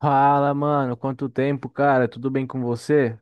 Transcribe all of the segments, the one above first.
Fala, mano, quanto tempo, cara? Tudo bem com você?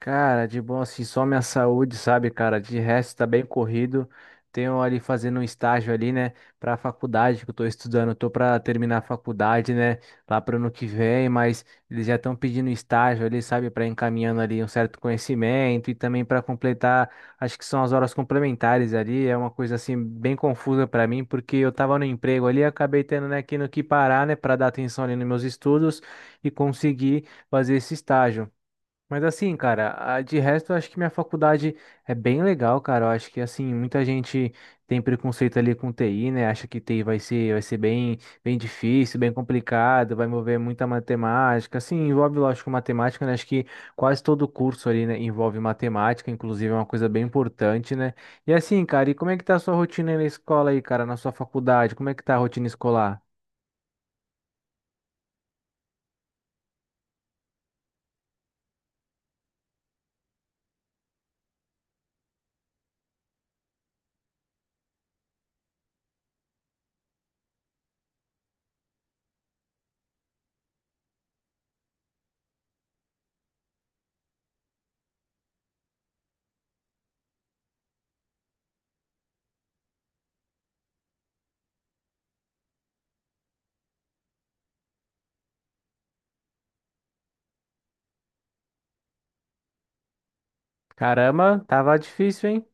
Cara, de bom assim, só minha saúde, sabe, cara? De resto, tá bem corrido. Tenho ali fazendo um estágio ali, né, pra faculdade que eu tô estudando. Tô pra terminar a faculdade, né, lá pro ano que vem, mas eles já estão pedindo estágio ali, sabe, pra encaminhando ali um certo conhecimento e também pra completar, acho que são as horas complementares ali. É uma coisa assim bem confusa pra mim, porque eu tava no emprego ali, e acabei tendo, né, que no que parar, né, pra dar atenção ali nos meus estudos e conseguir fazer esse estágio. Mas assim, cara, de resto, eu acho que minha faculdade é bem legal, cara. Eu acho que assim, muita gente tem preconceito ali com TI, né? Acha que TI vai ser bem, bem difícil, bem complicado, vai envolver muita matemática. Assim, envolve, lógico, matemática, né? Acho que quase todo curso ali, né, envolve matemática, inclusive é uma coisa bem importante, né? E assim, cara, e como é que tá a sua rotina aí na escola aí, cara, na sua faculdade? Como é que tá a rotina escolar? Caramba, tava difícil, hein?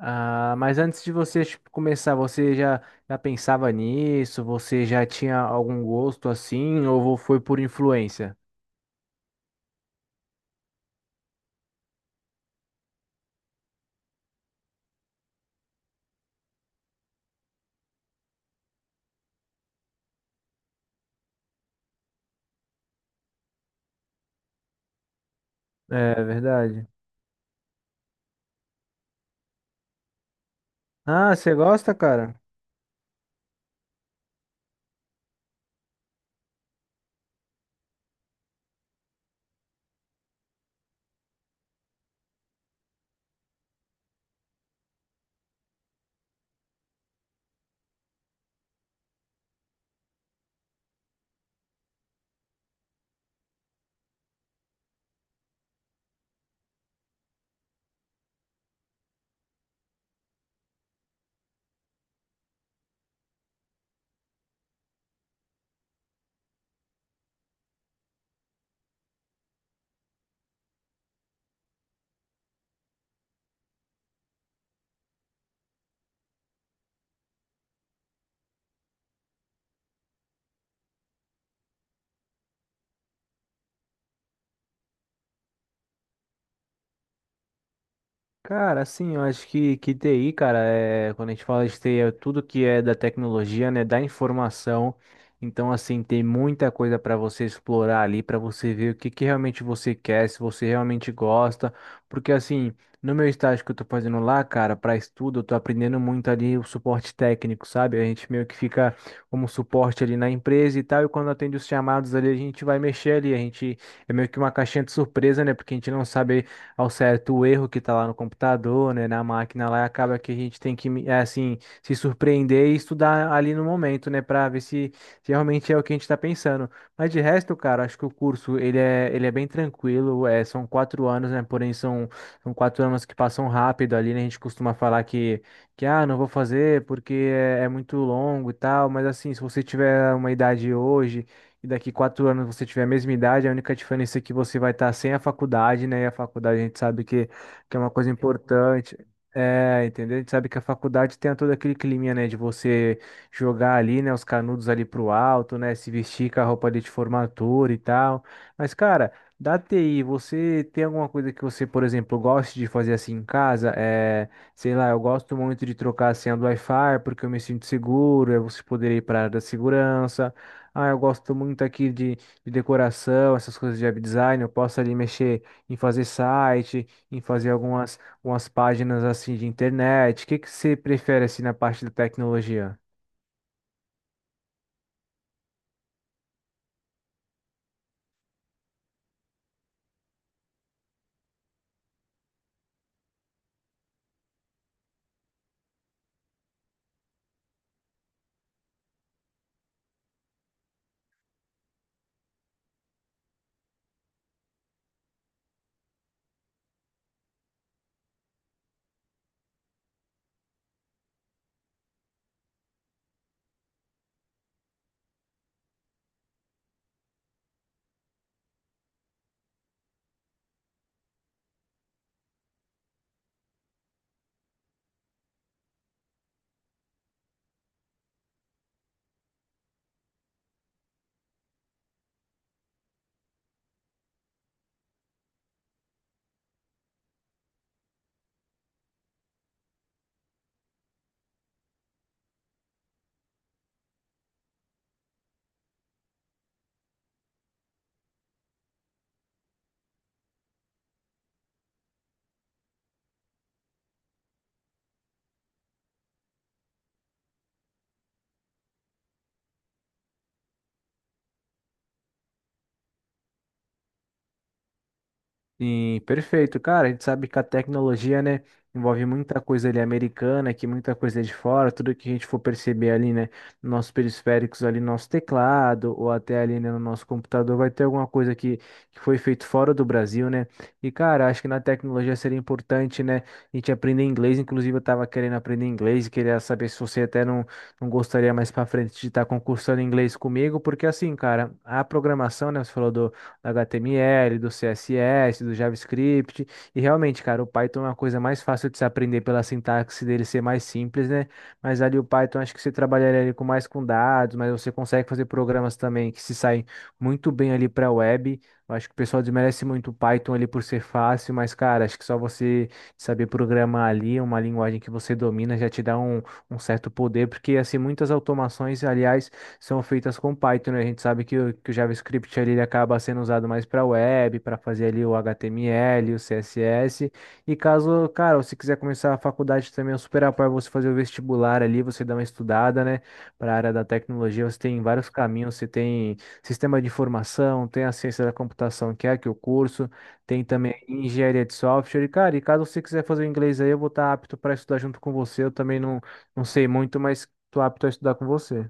Ah, mas antes de você, tipo, começar, você já, já pensava nisso? Você já tinha algum gosto assim? Ou foi por influência? É verdade. Ah, você gosta, cara? Cara, assim, eu acho que TI, cara, é, quando a gente fala de TI, é tudo que é da tecnologia, né, da informação. Então, assim, tem muita coisa para você explorar ali, para você ver o que realmente você quer, se você realmente gosta. Porque, assim, no meu estágio que eu tô fazendo lá, cara, para estudo, eu tô aprendendo muito ali o suporte técnico, sabe? A gente meio que fica como suporte ali na empresa e tal, e quando atende os chamados ali, a gente vai mexer ali, a gente é meio que uma caixinha de surpresa, né? Porque a gente não sabe ao certo o erro que está lá no computador, né, na máquina lá, e acaba que a gente tem que, é, assim, se surpreender e estudar ali no momento, né, para ver se, se realmente é o que a gente está pensando. Mas de resto, cara, acho que o curso, ele é bem tranquilo, é, são quatro anos, né, porém são, são quatro anos que passam rápido ali, né, a gente costuma falar que ah, não vou fazer porque é muito longo e tal, mas assim, se você tiver uma idade hoje e daqui quatro anos você tiver a mesma idade, a única diferença é que você vai estar sem a faculdade, né? E a faculdade a gente sabe que é uma coisa importante. É, entendeu? A gente sabe que a faculdade tem todo aquele climinha, né, de você jogar ali, né, os canudos ali pro alto, né, se vestir com a roupa ali de formatura e tal. Mas, cara, da TI, você tem alguma coisa que você, por exemplo, goste de fazer assim em casa? É, sei lá, eu gosto muito de trocar a senha do Wi-Fi porque eu me sinto seguro, é você poder ir para a área da segurança. Ah, eu gosto muito aqui de decoração, essas coisas de web design. Eu posso ali mexer em fazer site, em fazer algumas, algumas páginas assim de internet. O que você prefere assim na parte da tecnologia? Sim, perfeito. Cara, a gente sabe que a tecnologia, né, envolve muita coisa ali americana, que muita coisa é de fora, tudo que a gente for perceber ali, né, nos nossos periféricos ali, no nosso teclado, ou até ali, né, no nosso computador, vai ter alguma coisa que foi feito fora do Brasil, né? E, cara, acho que na tecnologia seria importante, né, a gente aprender inglês. Inclusive, eu tava querendo aprender inglês e queria saber se você até não, não gostaria mais pra frente de estar concursando inglês comigo, porque assim, cara, a programação, né, você falou do HTML, do CSS, do JavaScript. E realmente, cara, o Python é uma coisa mais fácil de se aprender pela sintaxe dele ser mais simples, né? Mas ali o Python acho que você trabalharia ali com mais com dados, mas você consegue fazer programas também que se saem muito bem ali para web. Eu acho que o pessoal desmerece muito o Python ali por ser fácil, mas cara, acho que só você saber programar ali uma linguagem que você domina já te dá um, um certo poder, porque assim muitas automações, aliás, são feitas com Python, né? A gente sabe que o JavaScript ali, ele acaba sendo usado mais para web, para fazer ali o HTML, o CSS. E caso, cara, você quiser começar a faculdade também, eu super apoio você fazer o vestibular ali, você dá uma estudada, né? Para a área da tecnologia, você tem vários caminhos, você tem sistema de informação, tem a ciência da computação, que é aqui o curso, tem também engenharia de software. E, cara, e caso você quiser fazer o inglês aí, eu vou estar apto para estudar junto com você. Eu também não, não sei muito, mas tô apto a estudar com você.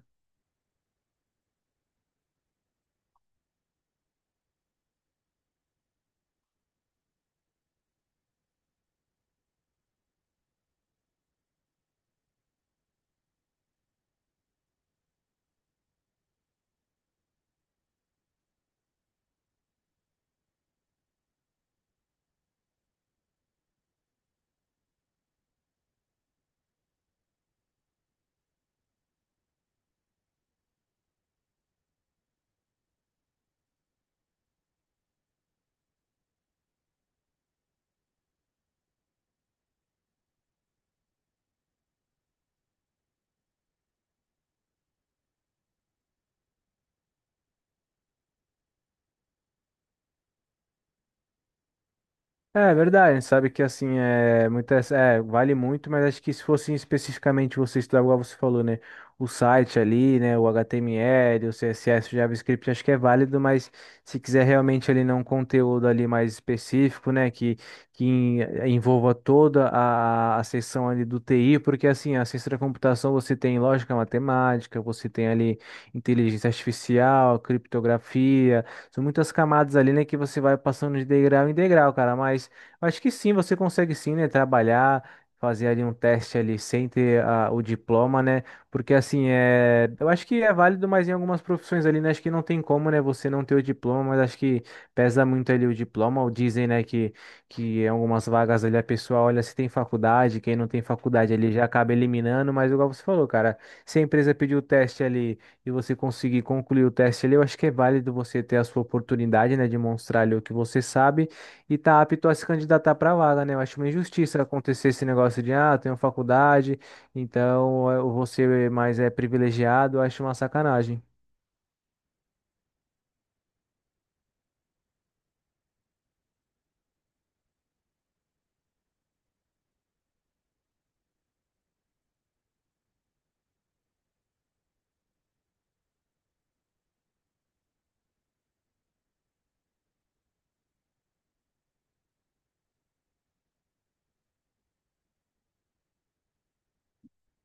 É é verdade, sabe que assim é muito é, vale muito, mas acho que se fosse especificamente você estudar, igual você falou, né? O site ali, né? O HTML, o CSS, o JavaScript, acho que é válido, mas se quiser realmente ali não um conteúdo ali mais específico, né? Que, que em- envolva toda a seção ali do TI, porque assim, a ciência da computação você tem lógica matemática, você tem ali inteligência artificial, criptografia. São muitas camadas ali, né, que você vai passando de degrau em degrau, cara. Mas eu acho que sim, você consegue sim, né, trabalhar, fazer ali um teste ali sem ter ah, o diploma, né? Porque assim, é, eu acho que é válido, mas em algumas profissões ali, né, acho que não tem como, né, você não ter o diploma, mas acho que pesa muito ali o diploma, ou dizem, né, que em algumas vagas ali a pessoa olha se tem faculdade, quem não tem faculdade ali já acaba eliminando, mas igual você falou, cara, se a empresa pedir o teste ali e você conseguir concluir o teste ali, eu acho que é válido você ter a sua oportunidade, né, de mostrar ali o que você sabe e tá apto a se candidatar para a vaga, né? Eu acho uma injustiça acontecer esse negócio de, ah, eu tenho faculdade, então eh, eu vou ser mais é, privilegiado, eu acho uma sacanagem.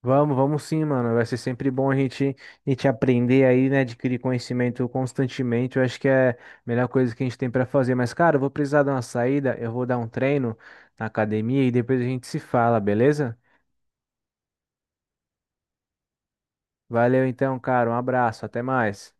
Vamos, vamos sim, mano. Vai ser sempre bom a gente aprender aí, né? Adquirir conhecimento constantemente. Eu acho que é a melhor coisa que a gente tem para fazer. Mas, cara, eu vou precisar dar uma saída, eu vou dar um treino na academia e depois a gente se fala, beleza? Valeu então, cara. Um abraço. Até mais.